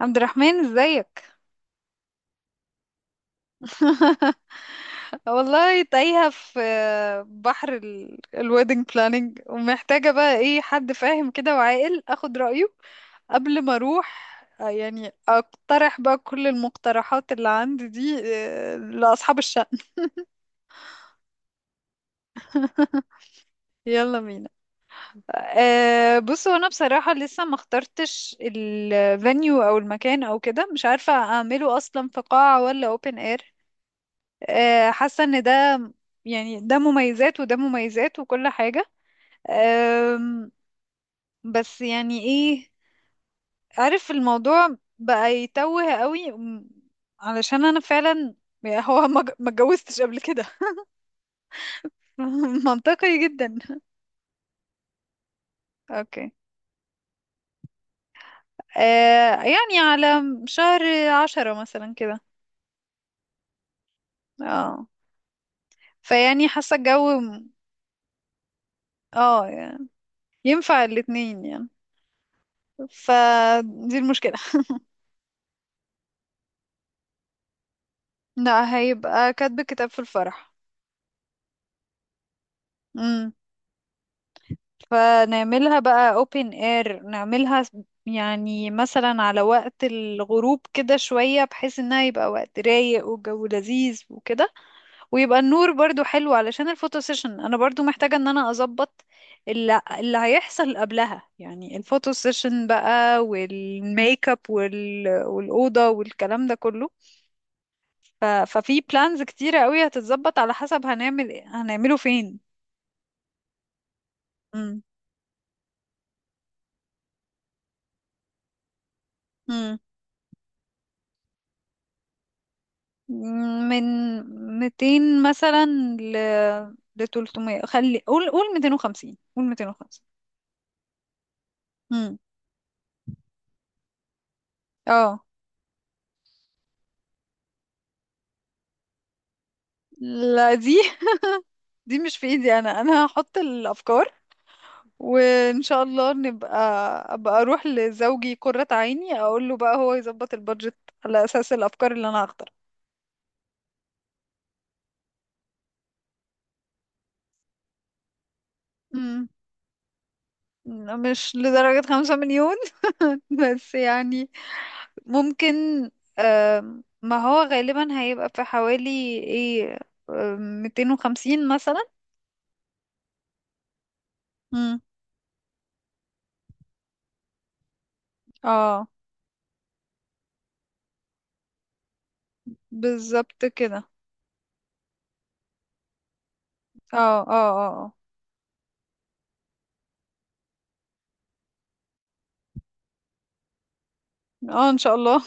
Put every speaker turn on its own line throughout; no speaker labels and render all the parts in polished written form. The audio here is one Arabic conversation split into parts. عبد الرحمن، ازيك؟ والله تايهة في بحر الويدنج بلاننج ومحتاجة بقى ايه حد فاهم كده وعاقل اخد رأيه قبل ما اروح. يعني اقترح بقى كل المقترحات اللي عندي دي لأصحاب الشأن. يلا بينا. بصوا، انا بصراحة لسه ما اخترتش الفانيو او المكان او كده، مش عارفة اعمله اصلا في قاعة ولا open air. حاسة ان ده يعني ده مميزات وده مميزات وكل حاجة. آم، بس يعني ايه، عارف الموضوع بقى يتوه قوي علشان انا فعلا يعني هو ما اتجوزتش قبل كده. منطقي جدا. اوكي. يعني على شهر عشرة مثلا كده. اه. فيعني حاسة الجو اه يعني ينفع الاتنين يعني. فدي المشكلة. لا، هيبقى كاتب كتاب في الفرح. فنعملها بقى open air، يعني مثلا على وقت الغروب كده شوية، بحيث انها يبقى وقت رايق والجو لذيذ وكده، ويبقى النور برضو حلو علشان الفوتو سيشن. انا برضو محتاجة ان انا اظبط اللي هيحصل قبلها، يعني الفوتو سيشن بقى والميك اب والأوضة والكلام ده كله. ففي بلانز كتيرة قوي هتتظبط على حسب هنعمله فين. مم. من 200 مثلا ل ل 300، خلي قول 250، قول 250. امم اه، لا، دي مش في ايدي، انا هحط الافكار، وان شاء الله نبقى ابقى اروح لزوجي قرة عيني، اقول له بقى هو يظبط البادجت على اساس الافكار اللي انا هختارها. امم مش لدرجة خمسة مليون، بس يعني ممكن. ما هو غالبا هيبقى في حوالي ايه 250 مثلا. مم. اه، بالظبط كده. اه، اه. اه، اه. ان شاء الله.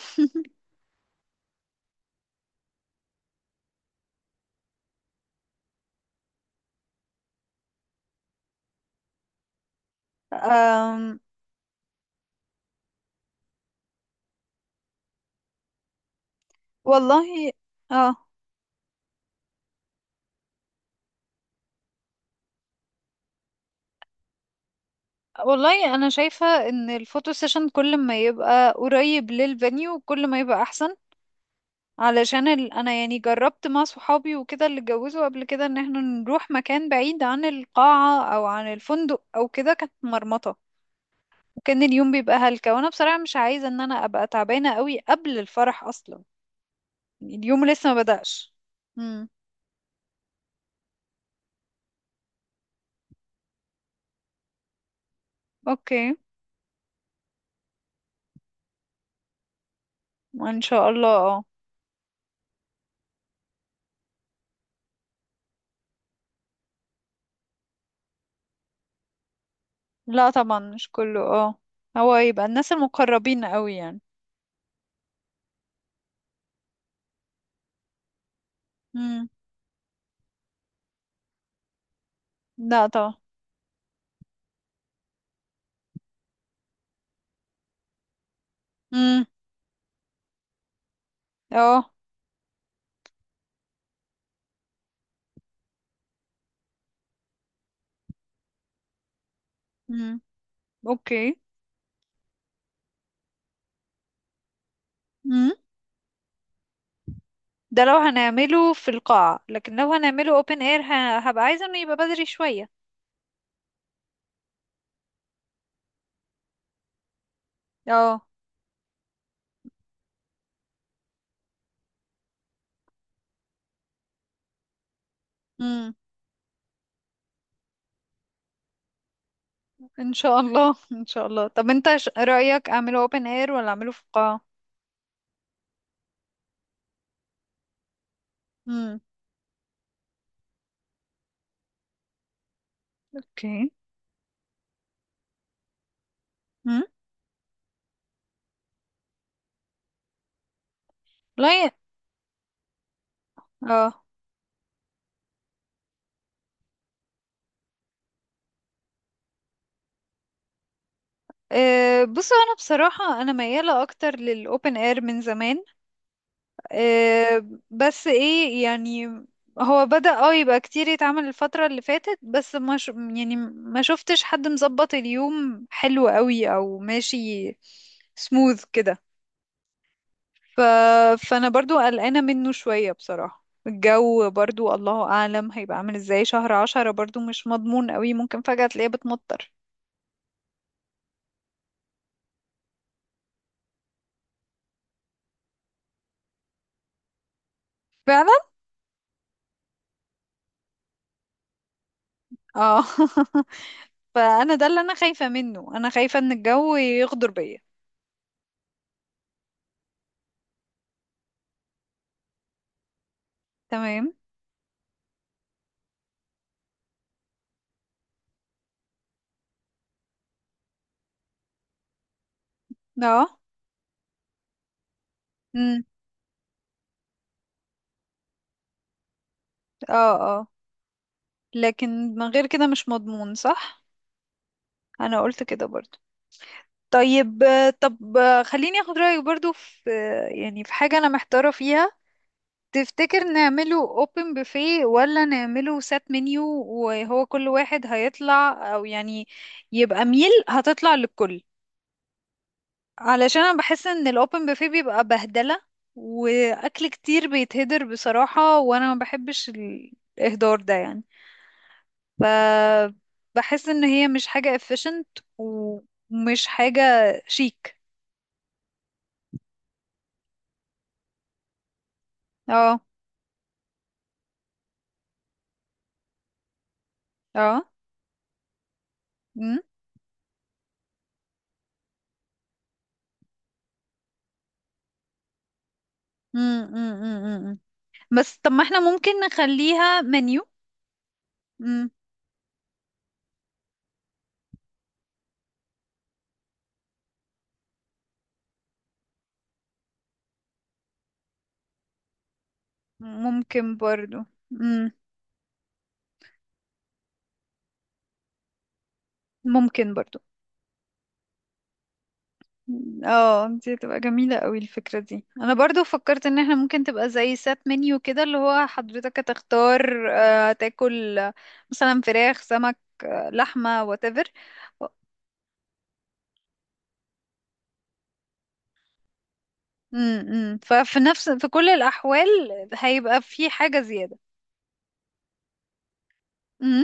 أم والله اه والله انا شايفة ان الفوتو سيشن كل ما يبقى قريب للفانيو كل ما يبقى احسن، علشان انا يعني جربت مع صحابي وكده، اللي اتجوزوا قبل كده ان احنا نروح مكان بعيد عن القاعة او عن الفندق او كده كانت مرمطة، وكان اليوم بيبقى هلكة، وانا بصراحة مش عايزة ان انا ابقى تعبانة قوي قبل الفرح اصلا، يعني اليوم لسه ما بدأش. امم اوكي. ان شاء الله، اه. لا طبعا مش كله، اه، هو يبقى الناس المقربين قوي يعني. امم لا طبعا. امم اه. امم اوكي. امم ده لو هنعمله في القاعة، لكن لو هنعمله open air هبقى عايزة انه يبقى بدري شوية. اه. امم ان شاء الله. ان شاء الله. طب انت رأيك اعمله open air ولا اعمله في القاعة؟ اوكي. مم؟ لا اه. بصوا، انا بصراحة انا ميالة اكتر للاوبن اير من زمان. بس ايه يعني هو بدأ يبقى كتير يتعمل الفترة اللي فاتت، بس ما ش... يعني ما شفتش حد مظبط اليوم حلو قوي او ماشي سموث كده. ف... فانا برضو قلقانة منه شوية بصراحة. الجو برضو الله اعلم هيبقى عامل ازاي. شهر عشرة برضو مش مضمون قوي، ممكن فجأة تلاقيه بتمطر. فعلا. اه. فانا ده اللي انا خايفة منه، انا خايفة ان الجو يغدر بيا. تمام. اه. امم اه، اه، لكن من غير كده مش مضمون، صح. انا قلت كده برضو. طيب، آه، طب آه، خليني اخد رأيك برضو في يعني في حاجة انا محتارة فيها. تفتكر نعمله open buffet ولا نعمله set menu، وهو كل واحد هيطلع او يعني يبقى ميل هتطلع للكل؟ علشان انا بحس ان الاوبن بوفيه بيبقى بهدله، واكل كتير بيتهدر بصراحه، وانا ما بحبش الاهدار ده يعني. ف بحس ان هي مش حاجه efficient ومش حاجه شيك. اه، اه. مم. مم. مم. مم. مم. بس طب ما احنا ممكن نخليها منيو. مم. ممكن برضو. مم. ممكن برضو. اه، دي تبقى جميلة قوي الفكرة دي. انا برضو فكرت ان احنا ممكن تبقى زي سات منيو كده، اللي هو حضرتك هتختار تاكل، مثلا فراخ، سمك، لحمة، whatever. ففي نفس في كل الأحوال هيبقى في حاجة زيادة. امم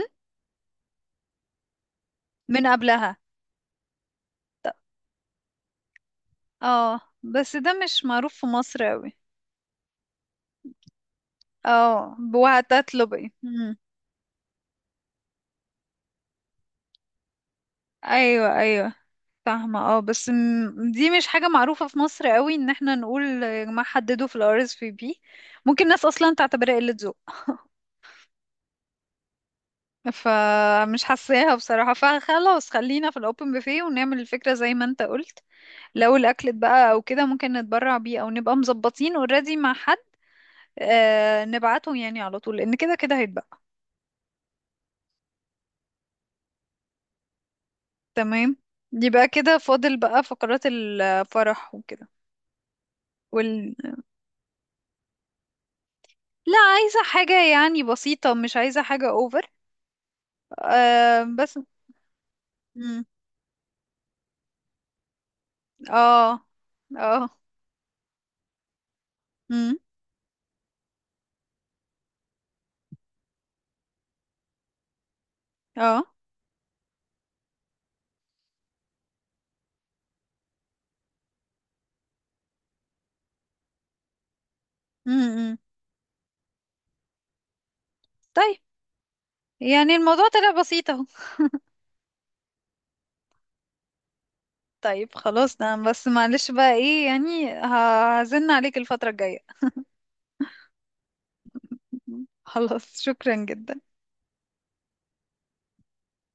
من قبلها. اه، بس ده مش معروف في مصر قوي. اه، وهتطلب ايه. مم. ايوه، ايوه، فاهمة، اه، بس دي مش حاجة معروفة في مصر قوي ان احنا نقول يا جماعة حددوا في الـ RSVP. ممكن ناس اصلا تعتبرها قلة ذوق. فمش حاساها بصراحة. فخلاص خلينا في الاوبن بوفيه ونعمل الفكرة زي ما انت قلت. لو الاكل اتبقى او كده ممكن نتبرع بيه او نبقى مظبطين اوريدي مع حد، نبعته يعني على طول، لان كده كده هيتبقى. تمام. يبقى كده فاضل بقى فقرات الفرح وكده. وال... لا، عايزة حاجة يعني بسيطة، مش عايزة حاجة اوفر. بس. امم اه، اه. امم اه. امم طيب، يعني الموضوع طلع بسيط اهو. طيب، خلاص، ده بس معلش بقى ايه يعني هزن عليك الفترة الجاية. خلاص، شكرا جدا.